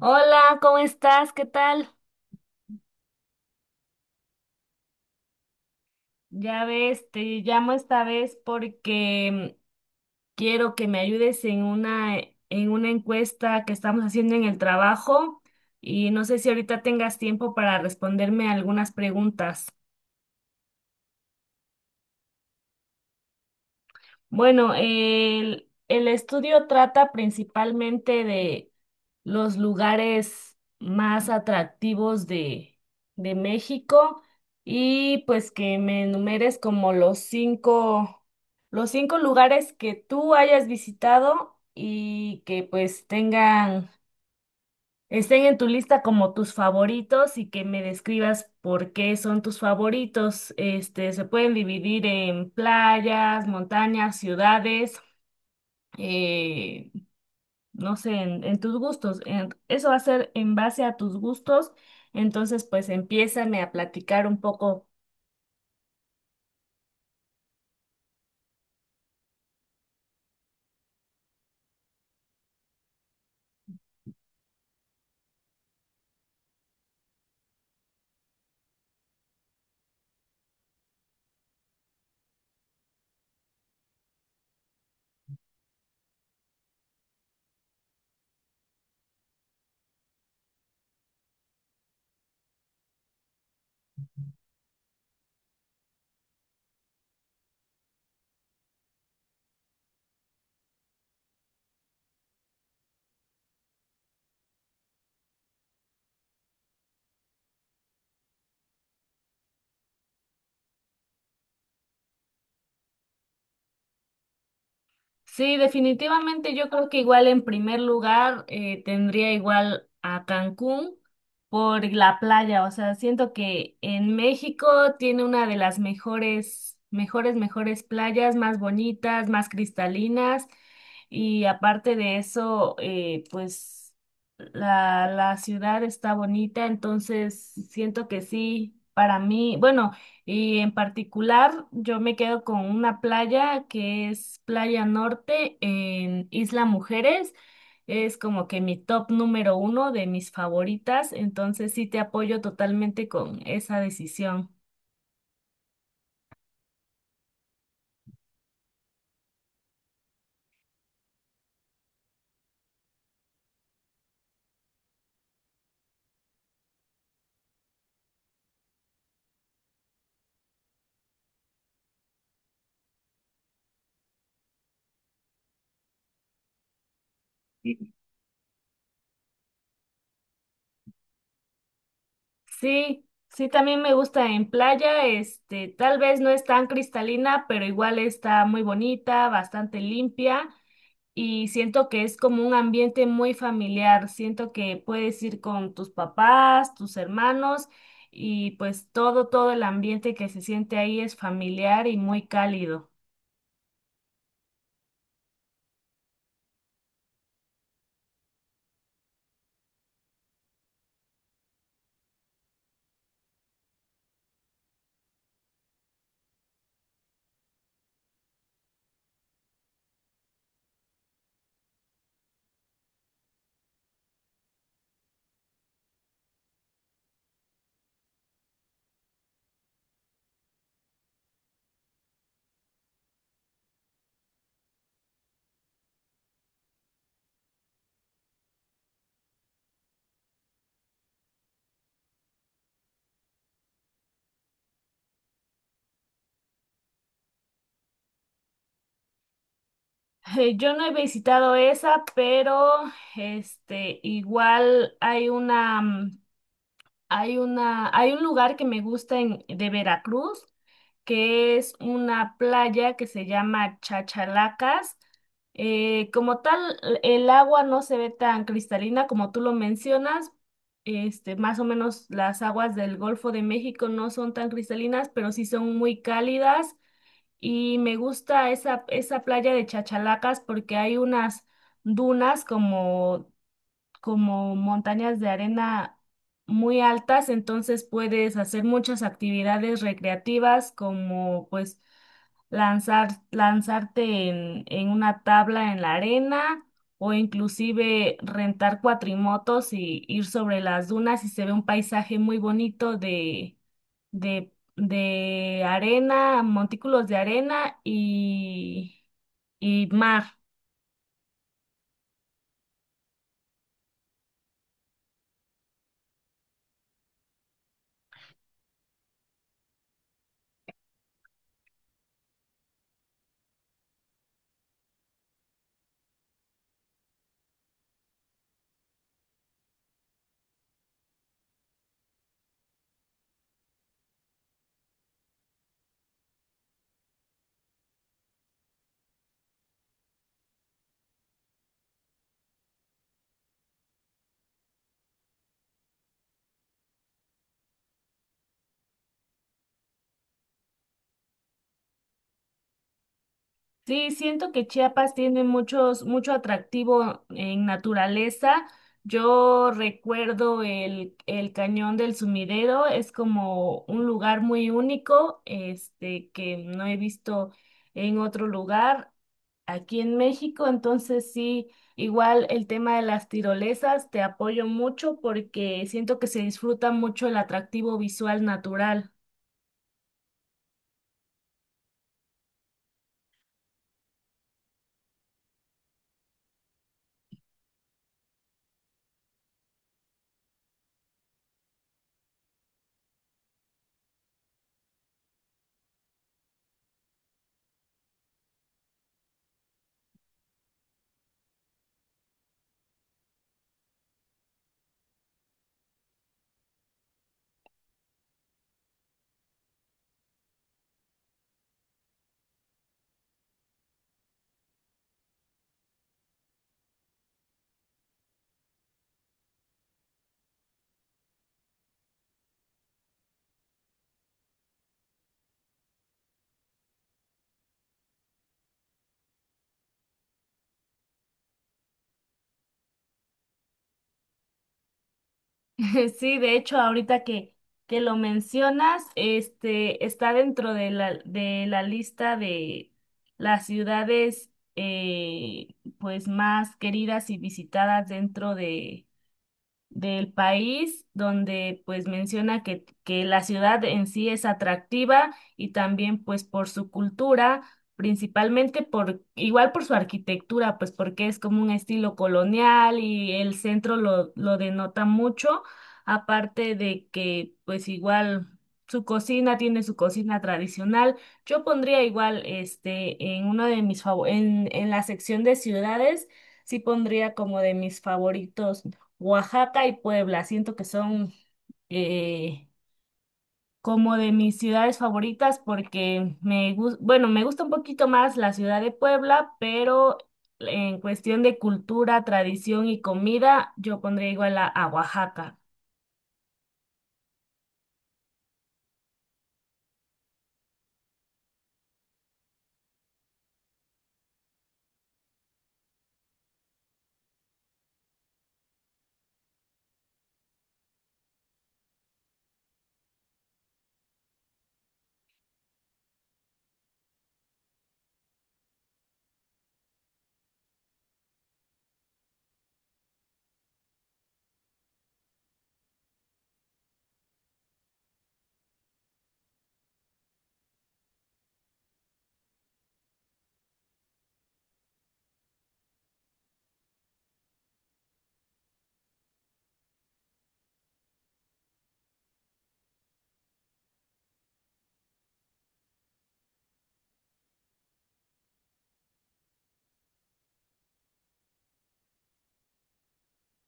Hola, ¿cómo estás? ¿Qué tal? Ya ves, te llamo esta vez porque quiero que me ayudes en una encuesta que estamos haciendo en el trabajo y no sé si ahorita tengas tiempo para responderme algunas preguntas. Bueno, el estudio trata principalmente de los lugares más atractivos de México y pues que me enumeres como los cinco lugares que tú hayas visitado y que pues tengan, estén en tu lista como tus favoritos y que me describas por qué son tus favoritos. Este, se pueden dividir en playas, montañas, ciudades eh, no sé, en tus gustos. Eso va a ser en base a tus gustos. Entonces, pues empiézame a platicar un poco. Sí, definitivamente yo creo que igual en primer lugar tendría igual a Cancún por la playa, o sea, siento que en México tiene una de las mejores, mejores, mejores playas, más bonitas, más cristalinas y aparte de eso, pues la ciudad está bonita, entonces siento que sí, para mí, bueno. Y en particular, yo me quedo con una playa que es Playa Norte en Isla Mujeres. Es como que mi top número uno de mis favoritas, entonces sí te apoyo totalmente con esa decisión. Sí, sí, también me gusta en playa, este, tal vez no es tan cristalina, pero igual está muy bonita, bastante limpia. Y siento que es como un ambiente muy familiar. Siento que puedes ir con tus papás, tus hermanos y pues todo, todo el ambiente que se siente ahí es familiar y muy cálido. Yo no he visitado esa, pero este igual hay una hay una, hay un lugar que me gusta en, de Veracruz, que es una playa que se llama Chachalacas. Como tal, el agua no se ve tan cristalina como tú lo mencionas. Este, más o menos las aguas del Golfo de México no son tan cristalinas, pero sí son muy cálidas. Y me gusta esa, esa playa de Chachalacas porque hay unas dunas como como montañas de arena muy altas, entonces puedes hacer muchas actividades recreativas como pues lanzar, lanzarte en una tabla en la arena o inclusive rentar cuatrimotos y ir sobre las dunas y se ve un paisaje muy bonito de arena, montículos de arena y mar. Sí, siento que Chiapas tiene muchos, mucho atractivo en naturaleza. Yo recuerdo el Cañón del Sumidero, es como un lugar muy único, este, que no he visto en otro lugar aquí en México. Entonces sí, igual el tema de las tirolesas, te apoyo mucho porque siento que se disfruta mucho el atractivo visual natural. Sí, de hecho, ahorita que lo mencionas, este está dentro de la lista de las ciudades eh, pues más queridas y visitadas dentro de del país, donde pues menciona que la ciudad en sí es atractiva y también pues por su cultura, principalmente por, igual por su arquitectura, pues porque es como un estilo colonial y el centro lo denota mucho, aparte de que pues igual su cocina tiene su cocina tradicional. Yo pondría igual este en uno de mis favor en la sección de ciudades, sí pondría como de mis favoritos. Oaxaca y Puebla. Siento que son eh, como de mis ciudades favoritas porque me gusta, bueno, me gusta un poquito más la ciudad de Puebla, pero en cuestión de cultura, tradición y comida, yo pondría igual a Oaxaca.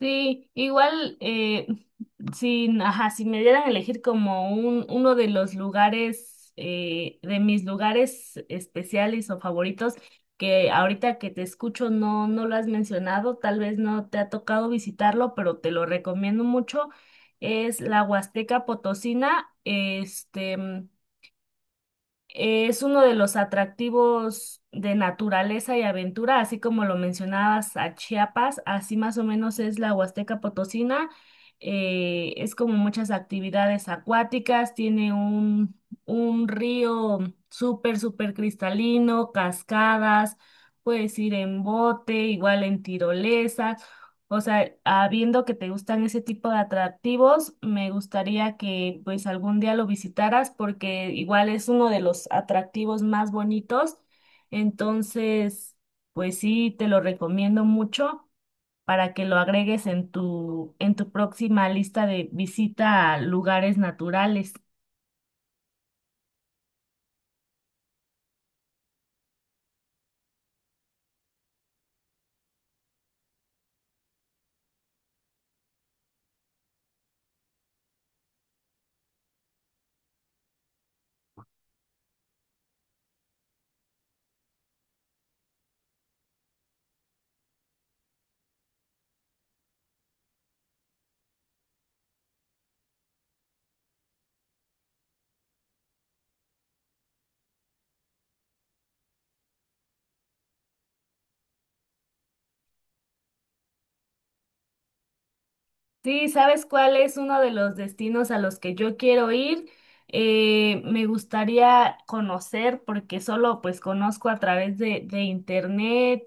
Sí, igual, si, ajá, si me dieran a elegir como un, uno de los lugares, de mis lugares especiales o favoritos, que ahorita que te escucho no, no lo has mencionado, tal vez no te ha tocado visitarlo, pero te lo recomiendo mucho, es la Huasteca Potosina. Este, es uno de los atractivos de naturaleza y aventura, así como lo mencionabas a Chiapas, así más o menos es la Huasteca Potosina. Es como muchas actividades acuáticas, tiene un río súper, súper cristalino, cascadas, puedes ir en bote, igual en tirolesa. O sea, habiendo que te gustan ese tipo de atractivos, me gustaría que pues algún día lo visitaras porque igual es uno de los atractivos más bonitos. Entonces, pues sí, te lo recomiendo mucho para que lo agregues en tu próxima lista de visita a lugares naturales. Sí, ¿sabes cuál es uno de los destinos a los que yo quiero ir? Me gustaría conocer porque solo pues conozco a través de internet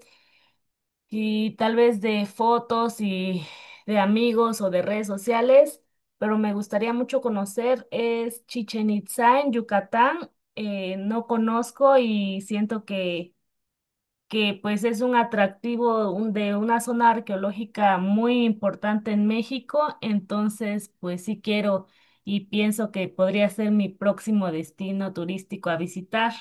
y tal vez de fotos y de amigos o de redes sociales, pero me gustaría mucho conocer es Chichen Itzá en Yucatán. No conozco y siento que pues es un atractivo de una zona arqueológica muy importante en México, entonces pues sí quiero y pienso que podría ser mi próximo destino turístico a visitar.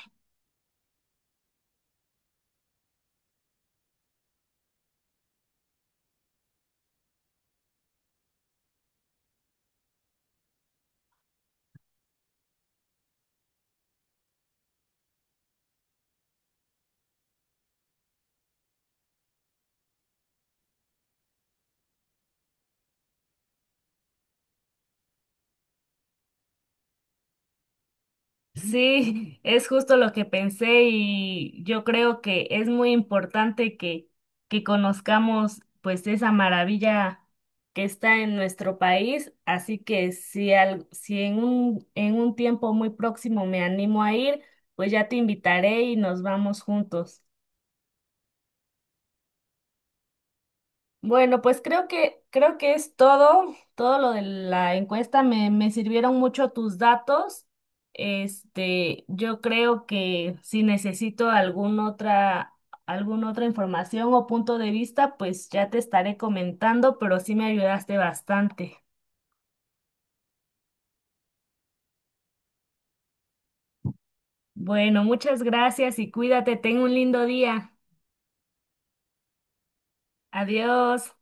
Sí, es justo lo que pensé y yo creo que es muy importante que conozcamos pues esa maravilla que está en nuestro país, así que si, al, si en un, en un tiempo muy próximo me animo a ir, pues ya te invitaré y nos vamos juntos. Bueno, pues creo que es todo, todo lo de la encuesta. Me sirvieron mucho tus datos. Este, yo creo que si necesito alguna otra información o punto de vista, pues ya te estaré comentando, pero sí me ayudaste bastante. Bueno, muchas gracias y cuídate. Ten un lindo día. Adiós.